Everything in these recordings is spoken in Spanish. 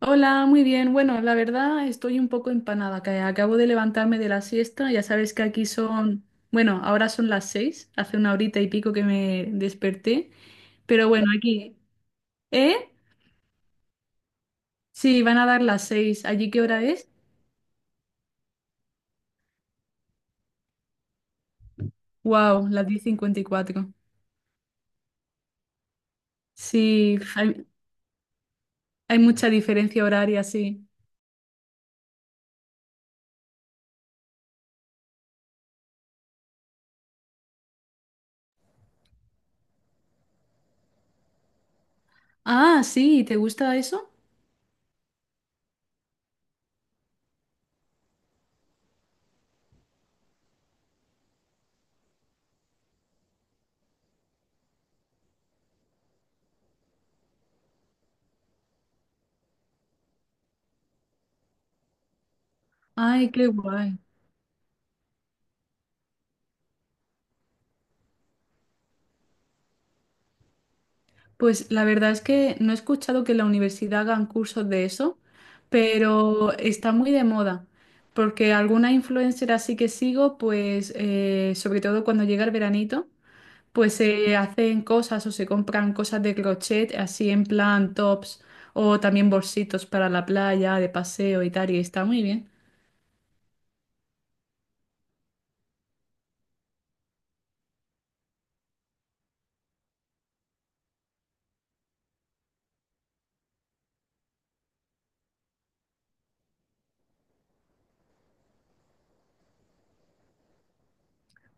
Hola, muy bien. Bueno, la verdad estoy un poco empanada, que acabo de levantarme de la siesta. Ya sabes que bueno, ahora son las seis, hace una horita y pico que me desperté. Pero bueno, aquí, ¿eh? Sí, van a dar las seis. ¿Allí qué hora es? Wow, las 10:54. Sí, hay mucha diferencia horaria, sí. Ah, sí, ¿te gusta eso? Ay, qué guay. Pues la verdad es que no he escuchado que en la universidad hagan cursos de eso, pero está muy de moda, porque alguna influencer así que sigo, pues sobre todo cuando llega el veranito, pues se hacen cosas o se compran cosas de crochet, así en plan tops o también bolsitos para la playa, de paseo y tal, y está muy bien.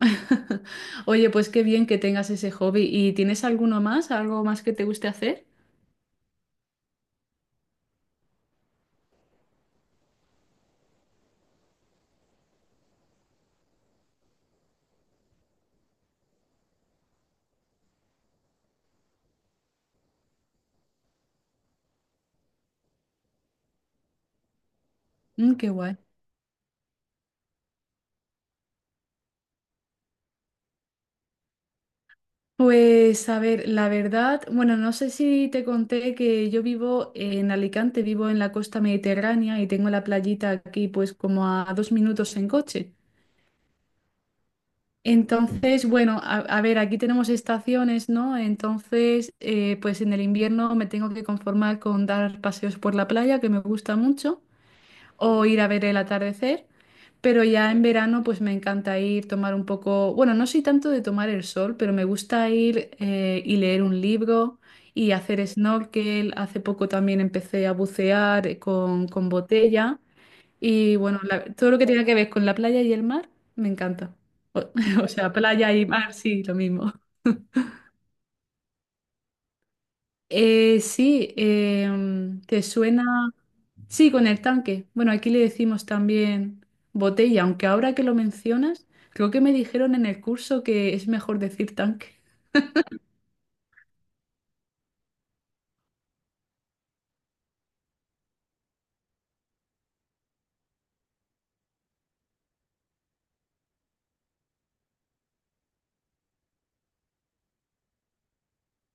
Oye, pues qué bien que tengas ese hobby. ¿Y tienes alguno más, algo más que te guste hacer? Mm, qué guay. Pues a ver, la verdad, bueno, no sé si te conté que yo vivo en Alicante, vivo en la costa mediterránea y tengo la playita aquí pues como a 2 minutos en coche. Entonces, bueno, a ver, aquí tenemos estaciones, ¿no? Entonces, pues en el invierno me tengo que conformar con dar paseos por la playa, que me gusta mucho o ir a ver el atardecer, pero ya en verano pues me encanta ir, tomar un poco, bueno, no soy tanto de tomar el sol, pero me gusta ir y leer un libro y hacer snorkel. Hace poco también empecé a bucear con botella y bueno, todo lo que tenga que ver con la playa y el mar me encanta. O, o sea, playa y mar, sí, lo mismo. Sí, ¿te suena? Sí, con el tanque. Bueno, aquí le decimos también botella, aunque ahora que lo mencionas, creo que me dijeron en el curso que es mejor decir tanque.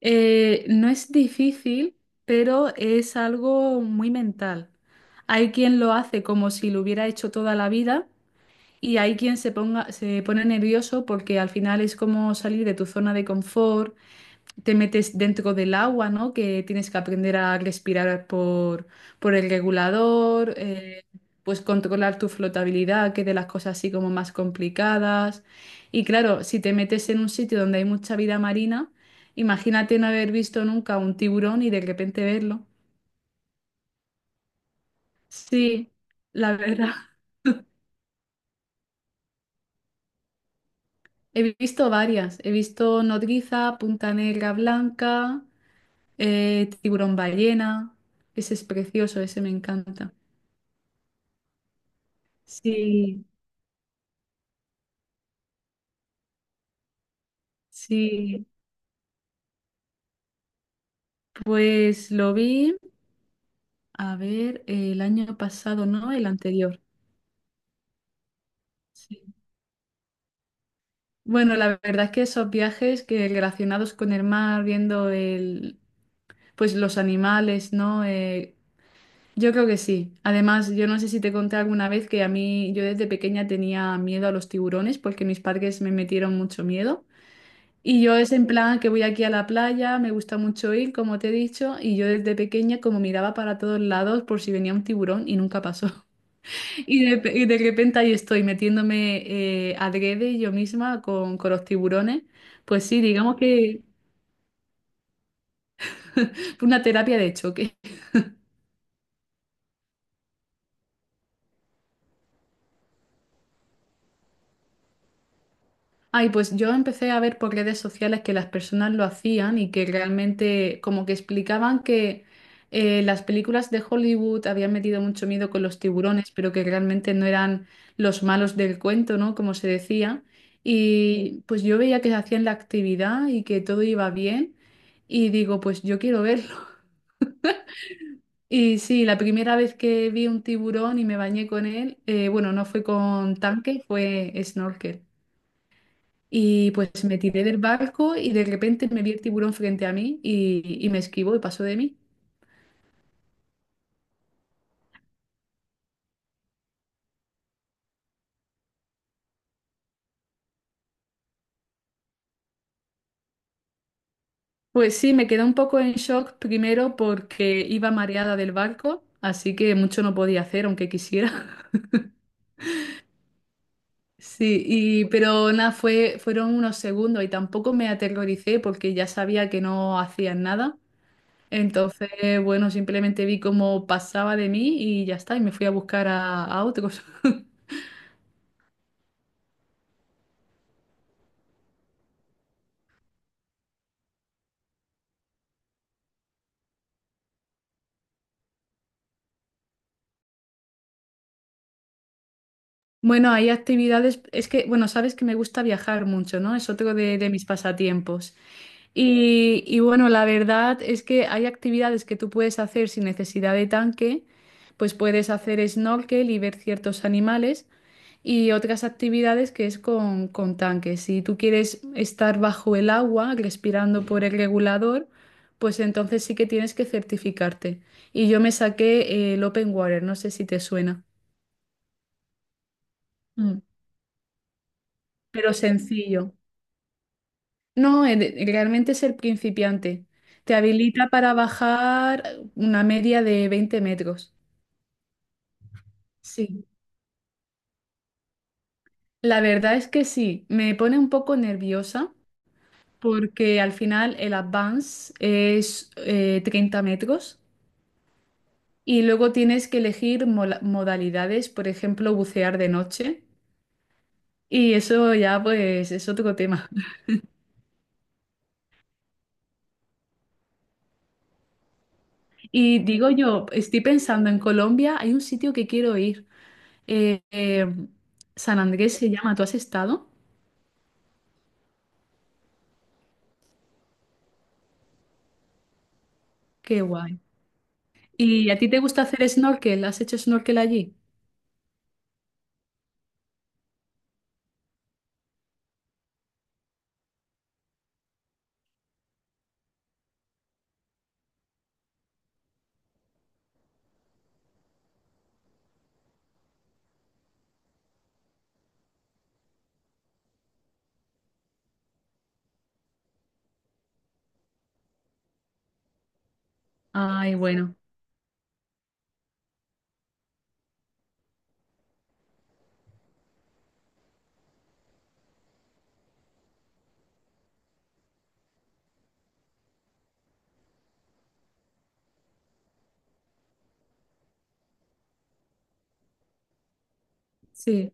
No es difícil, pero es algo muy mental. Hay quien lo hace como si lo hubiera hecho toda la vida y hay quien se pone nervioso porque al final es como salir de tu zona de confort, te metes dentro del agua, ¿no? Que tienes que aprender a respirar por el regulador, pues controlar tu flotabilidad, que es de las cosas así como más complicadas. Y claro, si te metes en un sitio donde hay mucha vida marina, imagínate no haber visto nunca un tiburón y de repente verlo. Sí, la verdad. He visto varias. He visto nodriza, punta negra blanca, tiburón ballena. Ese es precioso, ese me encanta. Sí, Sí, pues lo vi, a ver, el año pasado, ¿no? El anterior. Sí. Bueno, la verdad es que esos viajes que relacionados con el mar, viendo el, pues los animales, ¿no? Yo creo que sí. Además, yo no sé si te conté alguna vez que a mí, yo desde pequeña tenía miedo a los tiburones porque mis padres me metieron mucho miedo. Y yo es en plan que voy aquí a la playa, me gusta mucho ir, como te he dicho, y yo desde pequeña como miraba para todos lados por si venía un tiburón y nunca pasó. Y de repente ahí estoy metiéndome adrede yo misma con los tiburones. Pues sí, digamos que fue una terapia de choque. Ay, pues yo empecé a ver por redes sociales que las personas lo hacían y que realmente como que explicaban que las películas de Hollywood habían metido mucho miedo con los tiburones, pero que realmente no eran los malos del cuento, ¿no? Como se decía. Y pues yo veía que hacían la actividad y que todo iba bien. Y digo, pues yo quiero verlo. Y sí, la primera vez que vi un tiburón y me bañé con él, bueno, no fue con tanque, fue snorkel. Y pues me tiré del barco y de repente me vi el tiburón frente a mí y me esquivó y pasó de mí. Pues sí, me quedé un poco en shock primero porque iba mareada del barco, así que mucho no podía hacer aunque quisiera. Sí, y, pero nada, fueron unos segundos y tampoco me aterroricé porque ya sabía que no hacían nada. Entonces, bueno, simplemente vi cómo pasaba de mí y ya está, y me fui a buscar a otros. Bueno, hay actividades, es que, bueno, sabes que me gusta viajar mucho, ¿no? Es otro de mis pasatiempos. Y bueno, la verdad es que hay actividades que tú puedes hacer sin necesidad de tanque, pues puedes hacer snorkel y ver ciertos animales. Y otras actividades que es con tanques. Si tú quieres estar bajo el agua, respirando por el regulador, pues entonces sí que tienes que certificarte. Y yo me saqué el Open Water, no sé si te suena. Mm, pero sencillo. No, realmente es el principiante. Te habilita para bajar una media de 20 metros. Sí. La verdad es que sí, me pone un poco nerviosa porque al final el advance es 30 metros y luego tienes que elegir modalidades, por ejemplo, bucear de noche y eso ya pues es otro tema. Y digo yo, estoy pensando en Colombia, hay un sitio que quiero ir, eh, eh, San Andrés se llama, ¿tú has estado? Qué guay. ¿Y a ti te gusta hacer snorkel? ¿Has hecho snorkel allí? Ay, bueno, sí.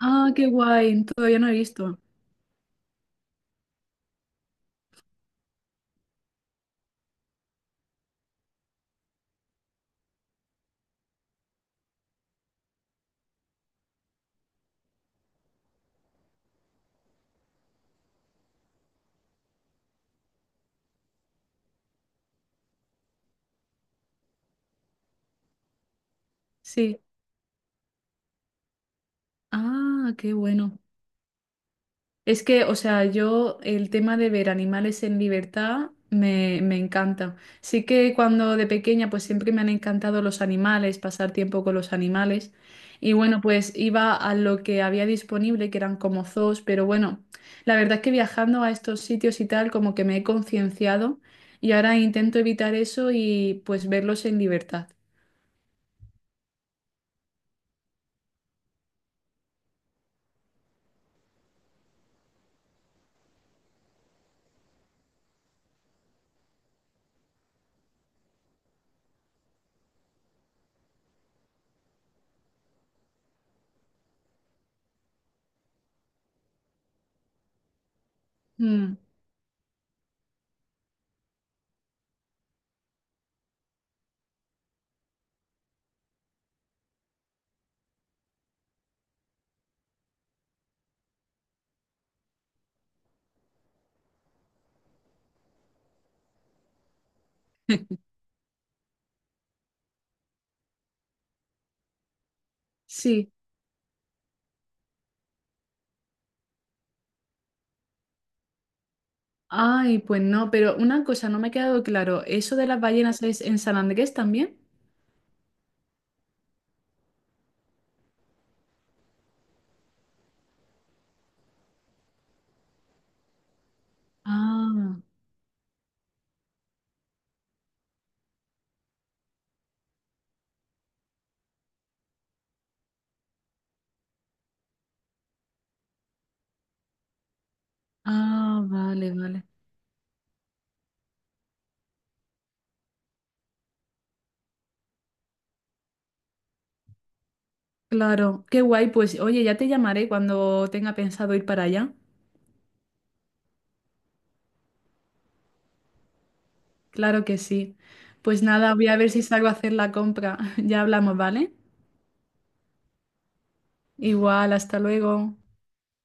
Ah, qué guay, todavía no he visto. Sí. Ah, qué bueno. Es que, o sea, yo el tema de ver animales en libertad me encanta. Sí que cuando de pequeña pues siempre me han encantado los animales, pasar tiempo con los animales. Y bueno, pues iba a lo que había disponible, que eran como zoos, pero bueno, la verdad es que viajando a estos sitios y tal, como que me he concienciado y ahora intento evitar eso y pues verlos en libertad. Mm. Sí. Ay, pues no, pero una cosa no me ha quedado claro, ¿eso de las ballenas es en San Andrés también? Ah, ah, vale, vale. Claro, qué guay. Pues oye, ya te llamaré cuando tenga pensado ir para allá. Claro que sí. Pues nada, voy a ver si salgo a hacer la compra. Ya hablamos, ¿vale? Igual, hasta luego.